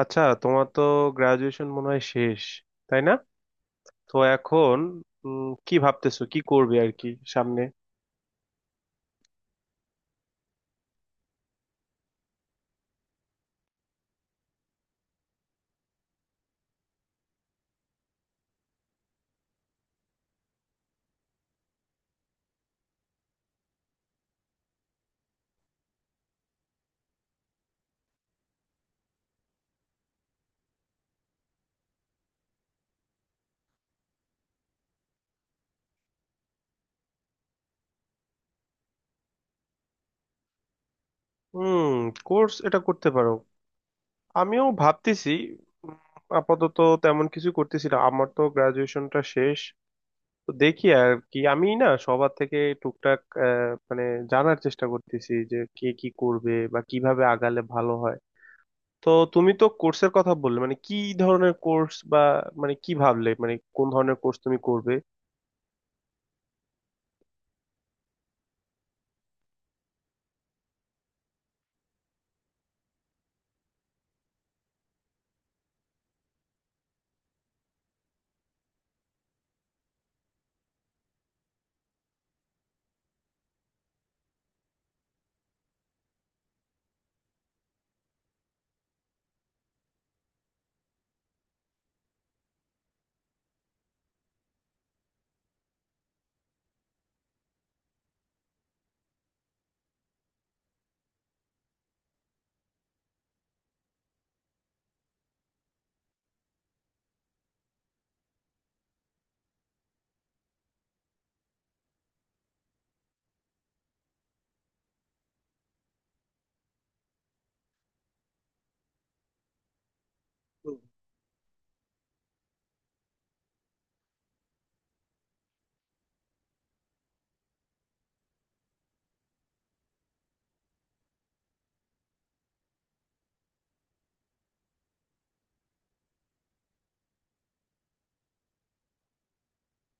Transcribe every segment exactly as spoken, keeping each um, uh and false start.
আচ্ছা, তোমার তো গ্রাজুয়েশন মনে হয় শেষ, তাই না? তো এখন উম, কি ভাবতেছো, কি করবে আর কি সামনে? হুম, কোর্স এটা করতে পারো। আমিও ভাবতেছি। উম, আপাতত তেমন কিছু করতেছি না, আমার তো গ্রাজুয়েশনটা শেষ। তো দেখি আর কি, আমি না সবার থেকে টুকটাক আহ, মানে জানার চেষ্টা করতেছি যে কে কি করবে বা কিভাবে আগালে ভালো হয়। তো তুমি তো কোর্সের কথা বললে, মানে কি ধরনের কোর্স, বা মানে কি ভাবলে, মানে কোন ধরনের কোর্স তুমি করবে?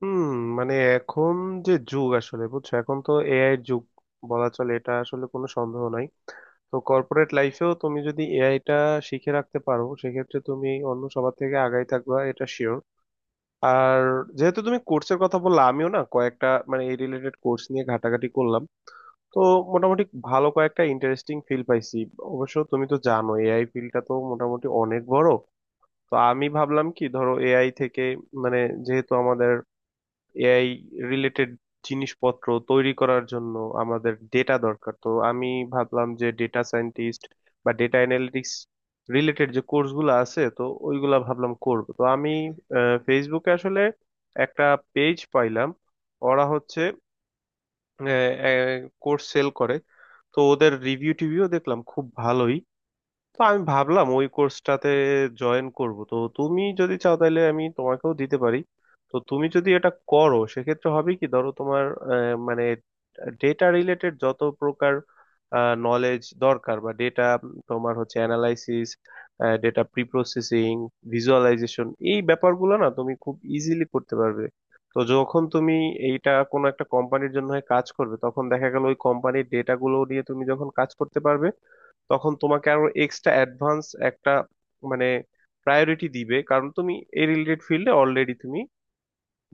হুম, মানে এখন যে যুগ আসলে, বুঝছো, এখন তো এআই এর যুগ বলা চলে, এটা আসলে কোনো সন্দেহ নাই। তো কর্পোরেট লাইফেও তুমি যদি এআই টা শিখে রাখতে পারো, সেক্ষেত্রে তুমি অন্য সবার থেকে আগাই থাকবা, এটা শিওর। আর যেহেতু তুমি কোর্সের কথা বললা, আমিও না কয়েকটা মানে এই রিলেটেড কোর্স নিয়ে ঘাটাঘাটি করলাম। তো মোটামুটি ভালো কয়েকটা ইন্টারেস্টিং ফিল পাইছি। অবশ্য তুমি তো জানো এআই ফিল্ডটা তো মোটামুটি অনেক বড়। তো আমি ভাবলাম, কি ধরো, এআই থেকে মানে, যেহেতু আমাদের এআই রিলেটেড জিনিসপত্র তৈরি করার জন্য আমাদের ডেটা দরকার, তো আমি ভাবলাম যে ডেটা সায়েন্টিস্ট বা ডেটা অ্যানালিটিক্স রিলেটেড যে কোর্সগুলো আছে, তো ওইগুলা ভাবলাম করব। তো আমি আহ, ফেসবুকে আসলে একটা পেজ পাইলাম। ওরা হচ্ছে কোর্স সেল করে। তো ওদের রিভিউ টিভিউ দেখলাম, খুব ভালোই। তো আমি ভাবলাম ওই কোর্সটাতে জয়েন করব। তো তুমি যদি চাও তাহলে আমি তোমাকেও দিতে পারি। তো তুমি যদি এটা করো সেক্ষেত্রে হবে কি, ধরো, তোমার আহ, মানে ডেটা রিলেটেড যত প্রকার নলেজ দরকার, বা ডেটা, তোমার হচ্ছে অ্যানালাইসিস, ডেটা প্রিপ্রসেসিং, ভিজুয়ালাইজেশন, এই ব্যাপারগুলো না তুমি খুব ইজিলি করতে পারবে। তো যখন তুমি এইটা কোনো একটা কোম্পানির জন্য হয়ে কাজ করবে, তখন দেখা গেল ওই কোম্পানির ডেটাগুলো নিয়ে তুমি যখন কাজ করতে পারবে, তখন তোমাকে আরো এক্সট্রা অ্যাডভান্স একটা মানে প্রায়োরিটি দিবে, কারণ তুমি এই রিলেটেড ফিল্ডে অলরেডি তুমি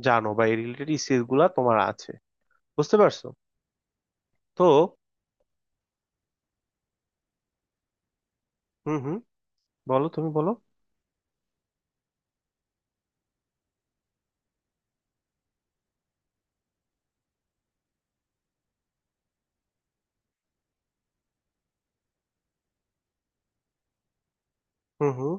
জানো, বা এই রিলেটেড স্কিল গুলা তোমার আছে। বুঝতে পারছো? তো হুম হুম, বলো, তুমি বলো। হুম হুম।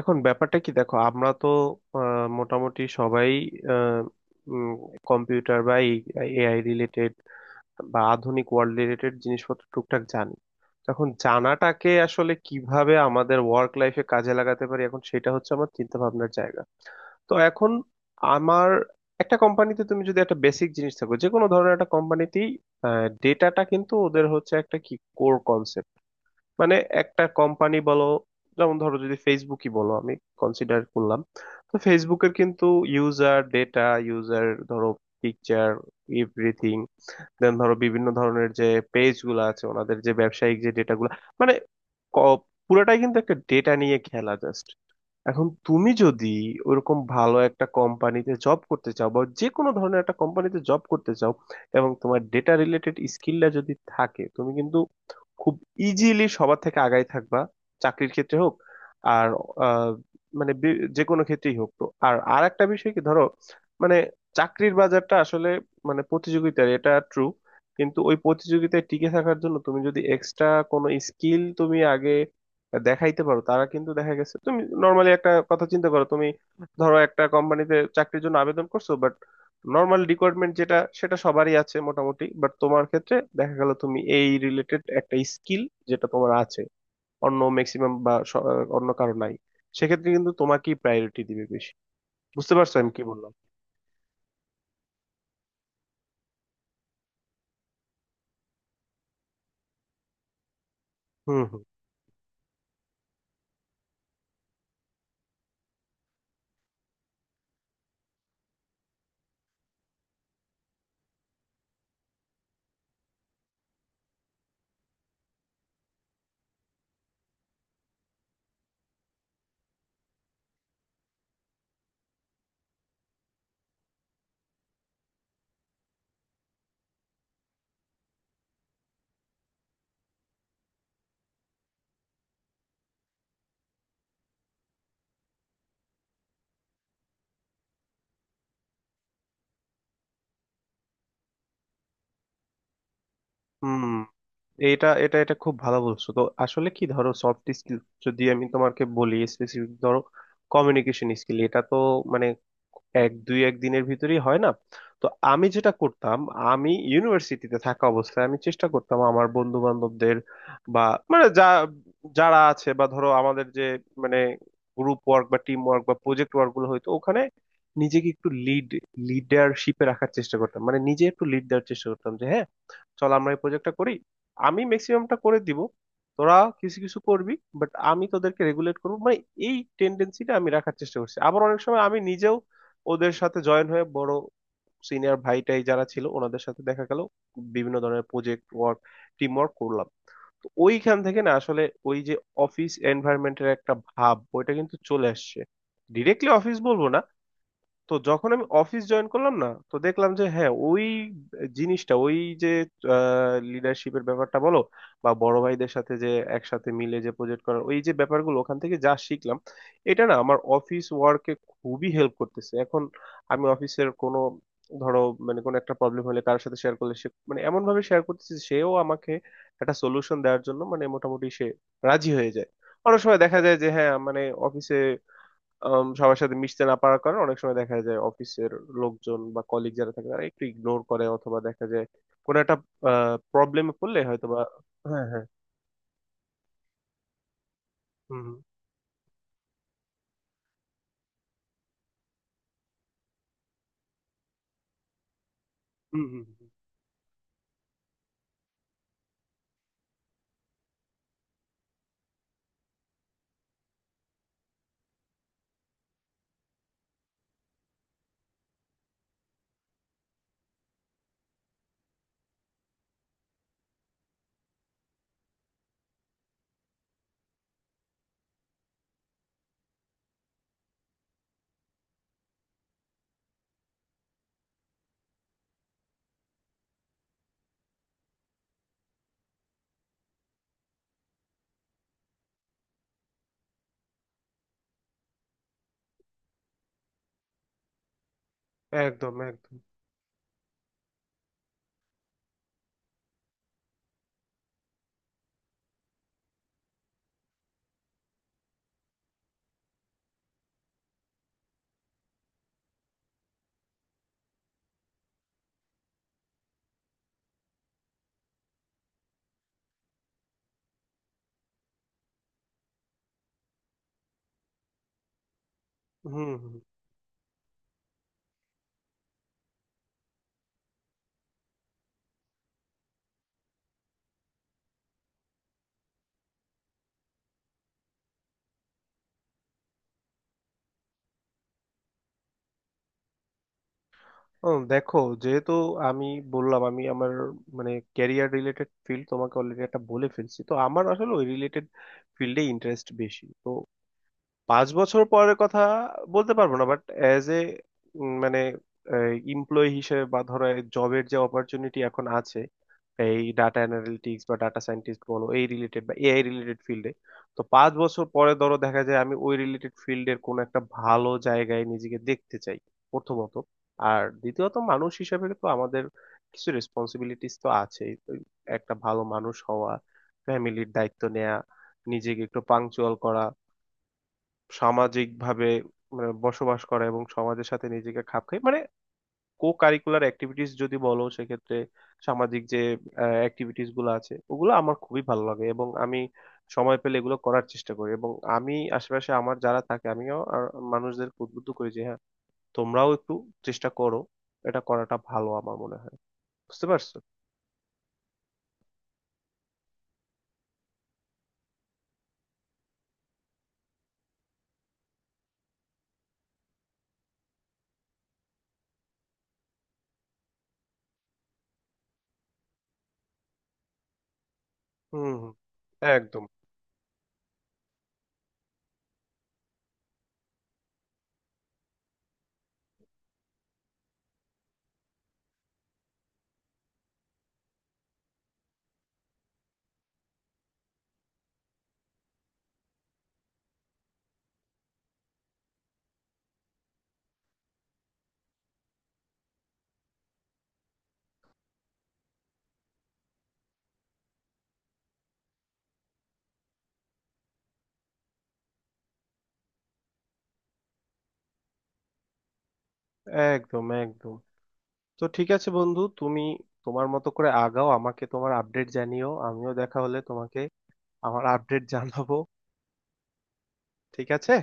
এখন ব্যাপারটা কি, দেখো, আমরা তো আহ, মোটামুটি সবাই কম্পিউটার বা এআই রিলেটেড বা আধুনিক ওয়ার্ল্ড রিলেটেড জিনিসপত্র টুকটাক জানি। তখন জানাটাকে আসলে কিভাবে আমাদের ওয়ার্ক লাইফে কাজে লাগাতে পারি, এখন সেটা হচ্ছে আমার চিন্তা ভাবনার জায়গা। তো এখন আমার, একটা কোম্পানিতে তুমি যদি একটা বেসিক জিনিস থাকো, যে কোনো ধরনের একটা কোম্পানিতেই ডেটাটা কিন্তু ওদের হচ্ছে একটা কি কোর কনসেপ্ট। মানে একটা কোম্পানি বলো, যেমন ধরো যদি ফেসবুকই বলো, আমি কনসিডার করলাম, তো ফেসবুকের কিন্তু ইউজার ডেটা, ইউজার ধরো পিকচার, এভরিথিং, দেন ধরো বিভিন্ন ধরনের যে পেজ গুলো আছে ওনাদের যে ব্যবসায়িক যে ডেটা গুলো, মানে ক- পুরোটাই কিন্তু একটা ডেটা নিয়ে খেলা জাস্ট। এখন তুমি যদি ওরকম ভালো একটা কোম্পানিতে জব করতে চাও, বা যে কোনো ধরনের একটা কোম্পানিতে জব করতে চাও, এবং তোমার ডেটা রিলেটেড স্কিলটা যদি থাকে, তুমি কিন্তু খুব ইজিলি সবার থেকে আগাই থাকবা। চাকরির ক্ষেত্রে হোক, আর আহ, মানে বি- যে কোনো ক্ষেত্রেই হোক। তো আর আর একটা বিষয় কি, ধরো, মানে চাকরির বাজারটা আসলে মানে প্রতিযোগিতার, এটা ট্রু, কিন্তু ওই প্রতিযোগিতায় টিকে থাকার জন্য তুমি যদি এক্সট্রা কোনো স্কিল তুমি আগে দেখাইতে পারো, তারা কিন্তু দেখা গেছে, তুমি নর্মালি একটা কথা চিন্তা করো, তুমি ধরো একটা কোম্পানিতে চাকরির জন্য আবেদন করছো, বাট নর্মাল রিকোয়ারমেন্ট যেটা, সেটা সবারই আছে মোটামুটি, বাট তোমার ক্ষেত্রে দেখা গেল তুমি এই রিলেটেড একটা স্কিল, যেটা তোমার আছে, অন্য ম্যাক্সিমাম বা স- অন্য কারো নাই, সেক্ষেত্রে কিন্তু তোমাকেই প্রায়োরিটি দিবে বেশি। বুঝতে পারছো আমি কি বললাম? হুম হুম হুম। এটা এটা এটা খুব ভালো বলছো। তো আসলে কি, ধরো, সফট স্কিল, যদি আমি তোমাকে বলি স্পেসিফিক ধরো কমিউনিকেশন স্কিল, এটা তো মানে এক দুই এক দিনের ভিতরেই হয় না। তো আমি যেটা করতাম, আমি ইউনিভার্সিটিতে থাকা অবস্থায় আমি চেষ্টা করতাম আমার বন্ধু বান্ধবদের বা মানে যা যারা আছে, বা ধরো আমাদের যে মানে গ্রুপ ওয়ার্ক বা টিম ওয়ার্ক বা প্রজেক্ট ওয়ার্ক গুলো, হয়তো ওখানে নিজেকে একটু লিড লিডারশিপে রাখার চেষ্টা করতাম, মানে নিজে একটু লিড দেওয়ার চেষ্টা করতাম যে হ্যাঁ চল আমরা এই প্রজেক্টটা করি, আমি ম্যাক্সিমামটা করে দিব, তোরা কিছু কিছু করবি, বাট আমি তোদেরকে রেগুলেট করবো। মানে এই টেন্ডেন্সিটা আমি রাখার চেষ্টা করছি। আবার অনেক সময় আমি নিজেও ওদের সাথে জয়েন হয়ে বড় সিনিয়র ভাইটাই যারা ছিল ওনাদের সাথে দেখা গেল বিভিন্ন ধরনের প্রজেক্ট ওয়ার্ক, টিম ওয়ার্ক করলাম। তো ওইখান থেকে না আসলে ওই যে অফিস এনভায়রনমেন্টের একটা ভাব, ওইটা কিন্তু চলে আসছে। ডিরেক্টলি অফিস বলবো না। তো যখন আমি অফিস জয়েন করলাম, না তো দেখলাম যে হ্যাঁ ওই জিনিসটা, ওই যে লিডারশিপের ব্যাপারটা বলো, বা বড় ভাইদের সাথে যে একসাথে মিলে যে প্রজেক্ট করার ওই যে ব্যাপারগুলো, ওখান থেকে যা শিখলাম এটা না আমার অফিস ওয়ার্কে খুবই হেল্প করতেছে এখন। আমি অফিসের কোনো, ধরো, মানে কোনো একটা প্রবলেম হলে কারোর সাথে শেয়ার করলে সে মানে এমন ভাবে শেয়ার করতেছে যে সেও আমাকে একটা সলিউশন দেওয়ার জন্য মানে মোটামুটি সে রাজি হয়ে যায়। অনেক সময় দেখা যায় যে হ্যাঁ মানে অফিসে আম, সবার সাথে মিশতে না পারার কারণে অনেক সময় দেখা যায় অফিসের লোকজন বা কলিগ যারা থাকে তারা একটু ইগনোর করে, অথবা দেখা যায় কোনো একটা প্রবলেমে পড়লে হয়তো বা হ্যাঁ হ্যাঁ। হুম হুম হুম হুম, হুম, একদম একদম। হুম হুম। ও, দেখো, যেহেতু আমি বললাম আমি আমার মানে ক্যারিয়ার রিলেটেড ফিল্ড তোমাকে অলরেডি একটা বলে ফেলছি, তো আমার আসলে ওই রিলেটেড ফিল্ডে ইন্টারেস্ট বেশি। তো পাঁচ বছর পরের কথা বলতে পারবো না, বাট অ্যাজ এ মানে এমপ্লয়ি হিসেবে, বা ধরো জবের যে অপরচুনিটি এখন আছে এই ডাটা অ্যানালিটিক্স বা ডাটা সায়েন্টিস্ট বলো এই রিলেটেড বা এআই রিলেটেড ফিল্ডে, তো পাঁচ বছর পরে ধরো দেখা যায় আমি ওই রিলেটেড ফিল্ডের কোনো একটা ভালো জায়গায় নিজেকে দেখতে চাই প্রথমত। আর দ্বিতীয়ত মানুষ হিসেবে তো আমাদের কিছু রেসপন্সিবিলিটিস তো আছেই। তো একটা ভালো মানুষ হওয়া, ফ্যামিলির দায়িত্ব নেওয়া, নিজেকে একটু পাংচুয়াল করা, সামাজিকভাবে মানে বসবাস করা এবং সমাজের সাথে নিজেকে খাপ খাই, মানে কো কারিকুলার অ্যাক্টিভিটিস যদি বলো সেক্ষেত্রে সামাজিক যে অ্যাক্টিভিটিস গুলো আছে ওগুলো আমার খুবই ভালো লাগে, এবং আমি সময় পেলে এগুলো করার চেষ্টা করি, এবং আমি আশেপাশে আমার যারা থাকে আমিও আর মানুষদেরকে উদ্বুদ্ধ করি যে হ্যাঁ তোমরাও একটু চেষ্টা করো, এটা করাটা ভালো আমার মনে হয়। বুঝতে পারছো? হুম হুম, একদম একদম একদম। তো ঠিক আছে বন্ধু, তুমি তোমার মতো করে আগাও, আমাকে তোমার আপডেট জানিও, আমিও দেখা হলে তোমাকে আমার আপডেট জানাবো। ঠিক আছে।